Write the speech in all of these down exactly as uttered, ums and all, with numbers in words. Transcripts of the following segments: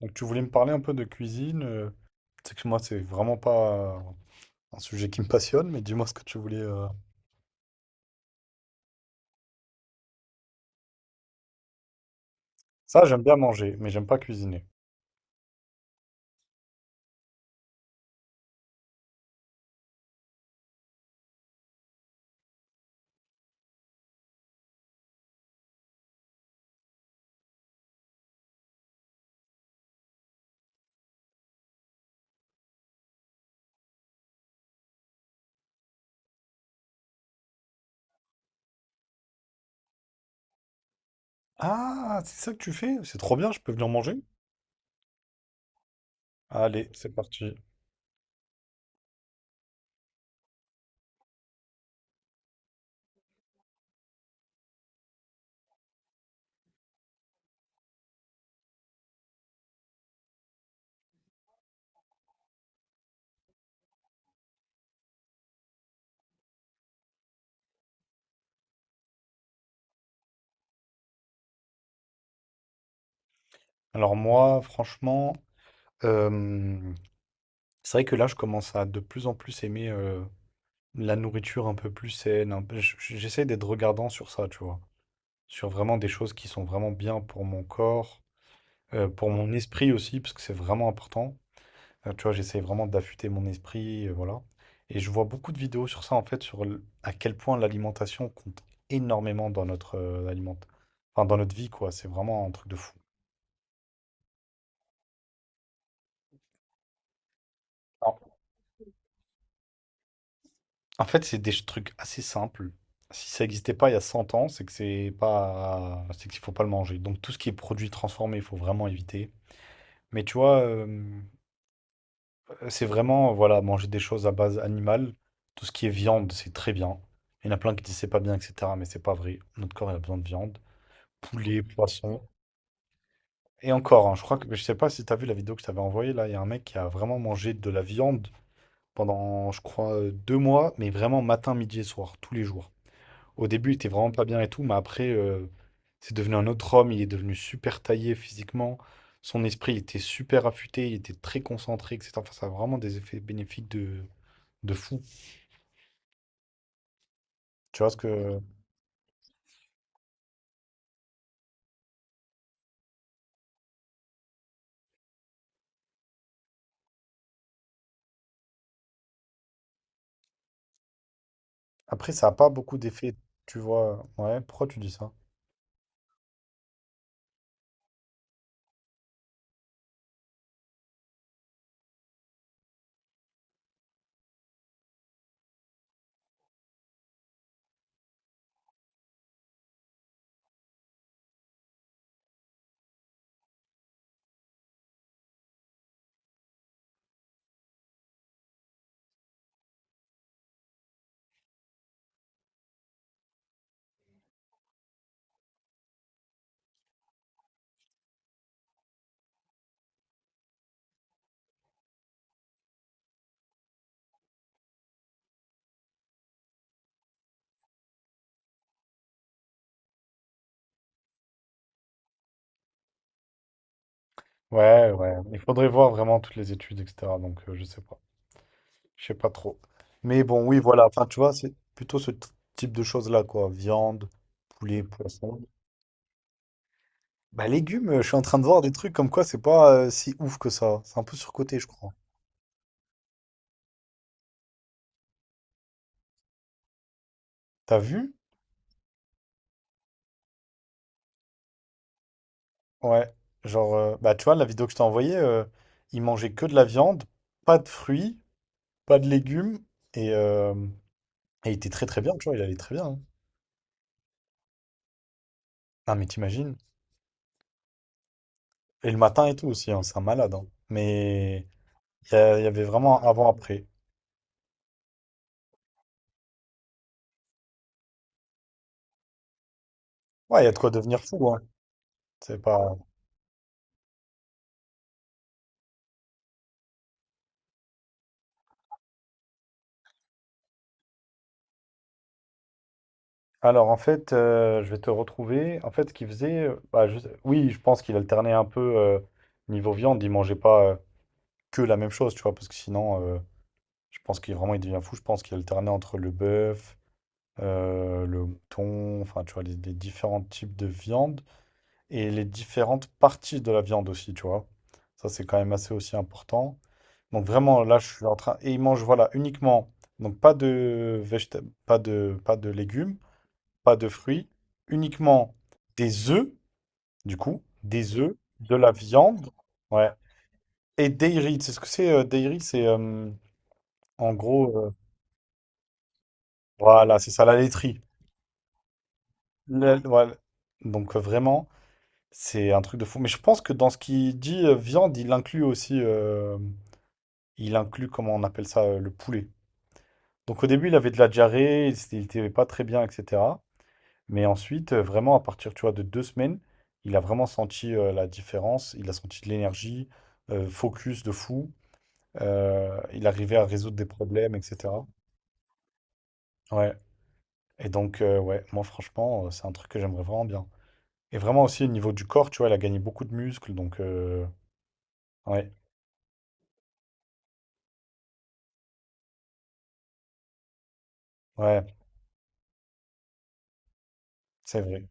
Donc tu voulais me parler un peu de cuisine. euh, Tu que moi, c'est vraiment pas un sujet qui me passionne, mais dis-moi ce que tu voulais. euh. Ça, j'aime bien manger, mais j'aime pas cuisiner. Ah, c'est ça que tu fais? C'est trop bien, je peux venir manger? Allez, c'est parti. Alors moi, franchement, euh, c'est vrai que là, je commence à de plus en plus aimer euh, la nourriture un peu plus saine. Un peu- j- j- J'essaie d'être regardant sur ça, tu vois. Sur vraiment des choses qui sont vraiment bien pour mon corps, euh, pour mon esprit aussi, parce que c'est vraiment important. Euh, tu vois, j'essaie vraiment d'affûter mon esprit, euh, voilà. Et je vois beaucoup de vidéos sur ça, en fait, sur l- à quel point l'alimentation compte énormément dans notre euh, aliment- enfin, dans notre vie, quoi. C'est vraiment un truc de fou. Alors, en fait, c'est des ch- trucs assez simples. Si ça n'existait pas il y a cent ans, c'est que c'est pas, c'est qu'il faut pas le manger. Donc tout ce qui est produit transformé, il faut vraiment éviter. Mais tu vois, euh, c'est vraiment, voilà, manger des choses à base animale. Tout ce qui est viande, c'est très bien. Il y en a plein qui disent c'est pas bien, et cetera. Mais c'est pas vrai. Notre corps, il a besoin de viande. Poulet, poisson. Et encore, hein, je crois que je sais pas si tu as vu la vidéo que je t'avais envoyée là. Il y a un mec qui a vraiment mangé de la viande pendant, je crois, euh, deux mois, mais vraiment matin, midi et soir, tous les jours. Au début, il était vraiment pas bien et tout, mais après, euh, c'est devenu un autre homme. Il est devenu super taillé physiquement. Son esprit il était super affûté, il était très concentré, et cetera. Enfin, ça a vraiment des effets bénéfiques de, de fou. Tu vois ce que. Après, ça a pas beaucoup d'effets, tu vois. Ouais, pourquoi tu dis ça? Ouais, ouais. Il faudrait voir vraiment toutes les études, et cetera. Donc, euh, je sais pas. Je sais pas trop. Mais bon, oui, voilà. Enfin, tu vois, c'est plutôt ce t- type de choses-là, quoi. Viande, poulet, poisson. Bah, légumes, euh, je suis en train de voir des trucs comme quoi c'est pas euh, si ouf que ça. C'est un peu surcoté, je crois. T'as vu? Ouais. Genre, euh, bah, tu vois, la vidéo que je t'ai envoyée, euh, il mangeait que de la viande, pas de fruits, pas de légumes. Et, euh, et il était très très bien, tu vois, il allait très bien, hein. Ah, mais t'imagines? Et le matin et tout aussi, hein, c'est un malade, hein. Mais il y, a- il y avait vraiment un avant-après. Ouais, il y a de quoi devenir fou, hein. C'est pas. Alors en fait, heu, je vais te retrouver. En fait, ce qu'il faisait, heu, bah, je sais oui, je pense qu'il alternait un peu, heu, niveau viande. Il mangeait pas, heu, que la même chose, tu vois? Parce que sinon, heu, je pense qu'il vraiment il devient fou. Je pense qu'il alternait entre le bœuf, heu, le mouton, enfin, tu vois? Les les différents types de viande et les différentes parties de la viande aussi, tu vois? Ça, c'est quand même assez aussi important. Donc vraiment, là, je suis en train et il mange, voilà, uniquement donc pas de végéta pas de pas de légumes pas de fruits, uniquement des œufs, du coup, des œufs, de la viande, ouais. Et dairy, tu sais ce que c'est euh, dairy? C'est euh, en gros, euh, voilà, c'est ça, la laiterie. La- voilà. Donc euh, vraiment, c'est un truc de fou. Mais je pense que dans ce qu'il dit euh, viande, il inclut aussi, euh, il inclut, comment on appelle ça, euh, le poulet. Donc au début, il avait de la diarrhée, il s- il était pas très bien, et cetera. Mais ensuite, euh, vraiment, à partir, tu vois, de deux semaines, il a vraiment senti euh, la différence. Il a senti de l'énergie, euh, focus de fou. Euh, il arrivait à résoudre des problèmes, et cetera. Ouais. Et donc, euh, ouais, moi, franchement, euh, c'est un truc que j'aimerais vraiment bien. Et vraiment aussi, au niveau du corps, tu vois, il a gagné beaucoup de muscles. Donc, euh, ouais, ouais, c'est vrai.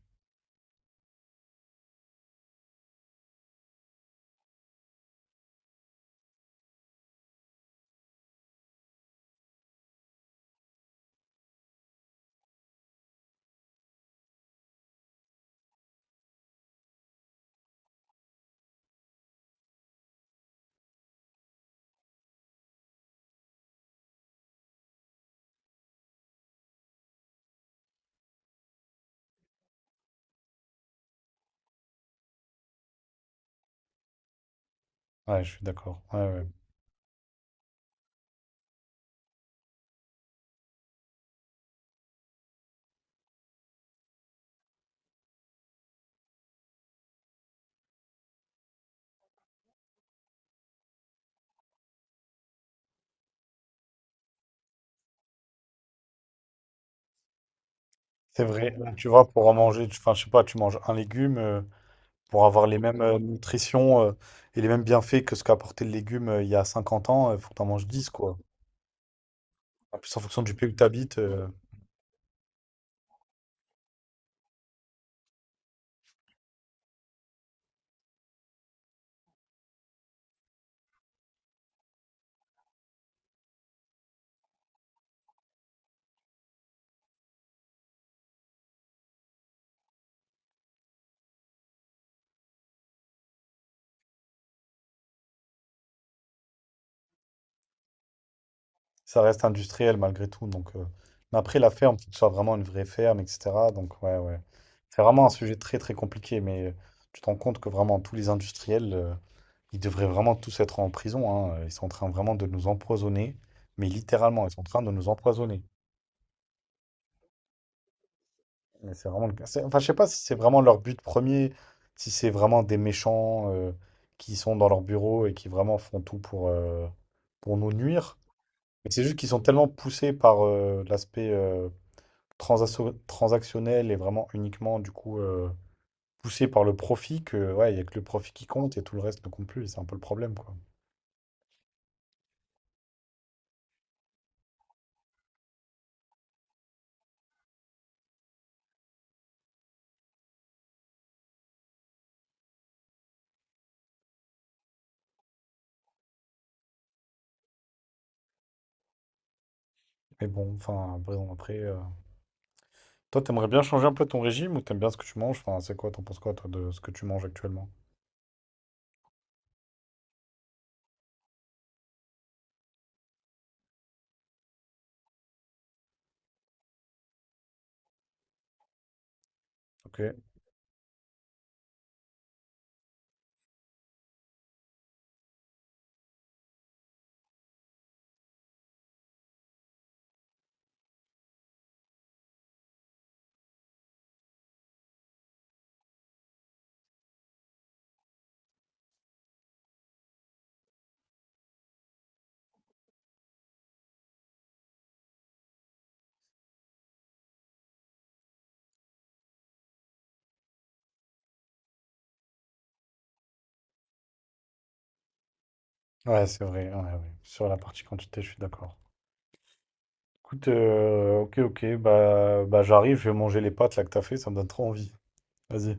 Ouais, je suis d'accord. Ouais, ouais. C'est vrai. Tu vois, pour en manger, tu- enfin, je sais pas, tu manges un légume. Euh, pour avoir les mêmes euh, nutritions euh, et les mêmes bienfaits que ce qu'apportait le légume euh, il y a cinquante ans, il faut que tu en manges dix quoi. En plus, en fonction du pays où tu habites, euh, ça reste industriel malgré tout. Donc, euh, Mais après, la ferme, il faut que ce soit vraiment une vraie ferme, et cetera. Donc, ouais, ouais. C'est vraiment un sujet très, très compliqué, mais euh, tu te rends compte que vraiment, tous les industriels, euh, ils devraient vraiment tous être en prison, hein. Ils sont en train vraiment de nous empoisonner, mais littéralement, ils sont en train de nous empoisonner. Mais c'est vraiment le cas. C'est- Enfin, je sais pas si c'est vraiment leur but premier, si c'est vraiment des méchants euh, qui sont dans leur bureau et qui vraiment font tout pour, euh, pour nous nuire. Mais c'est juste qu'ils sont tellement poussés par euh, l'aspect euh, transasso- transactionnel et vraiment uniquement, du coup, euh, poussés par le profit que, ouais, il n'y a que le profit qui compte et tout le reste ne compte plus. C'est un peu le problème, quoi. Mais bon, enfin, après, bon, après. euh, Toi, t'aimerais bien changer un peu ton régime ou t'aimes bien ce que tu manges? Enfin, c'est quoi, t'en penses quoi, toi, de ce que tu manges actuellement? Ok. Ouais, c'est vrai, ouais, ouais. Sur la partie quantité, je suis d'accord. Écoute, euh, ok, ok, bah, bah j'arrive, je vais manger les pâtes là que t'as fait, ça me donne trop envie. Vas-y.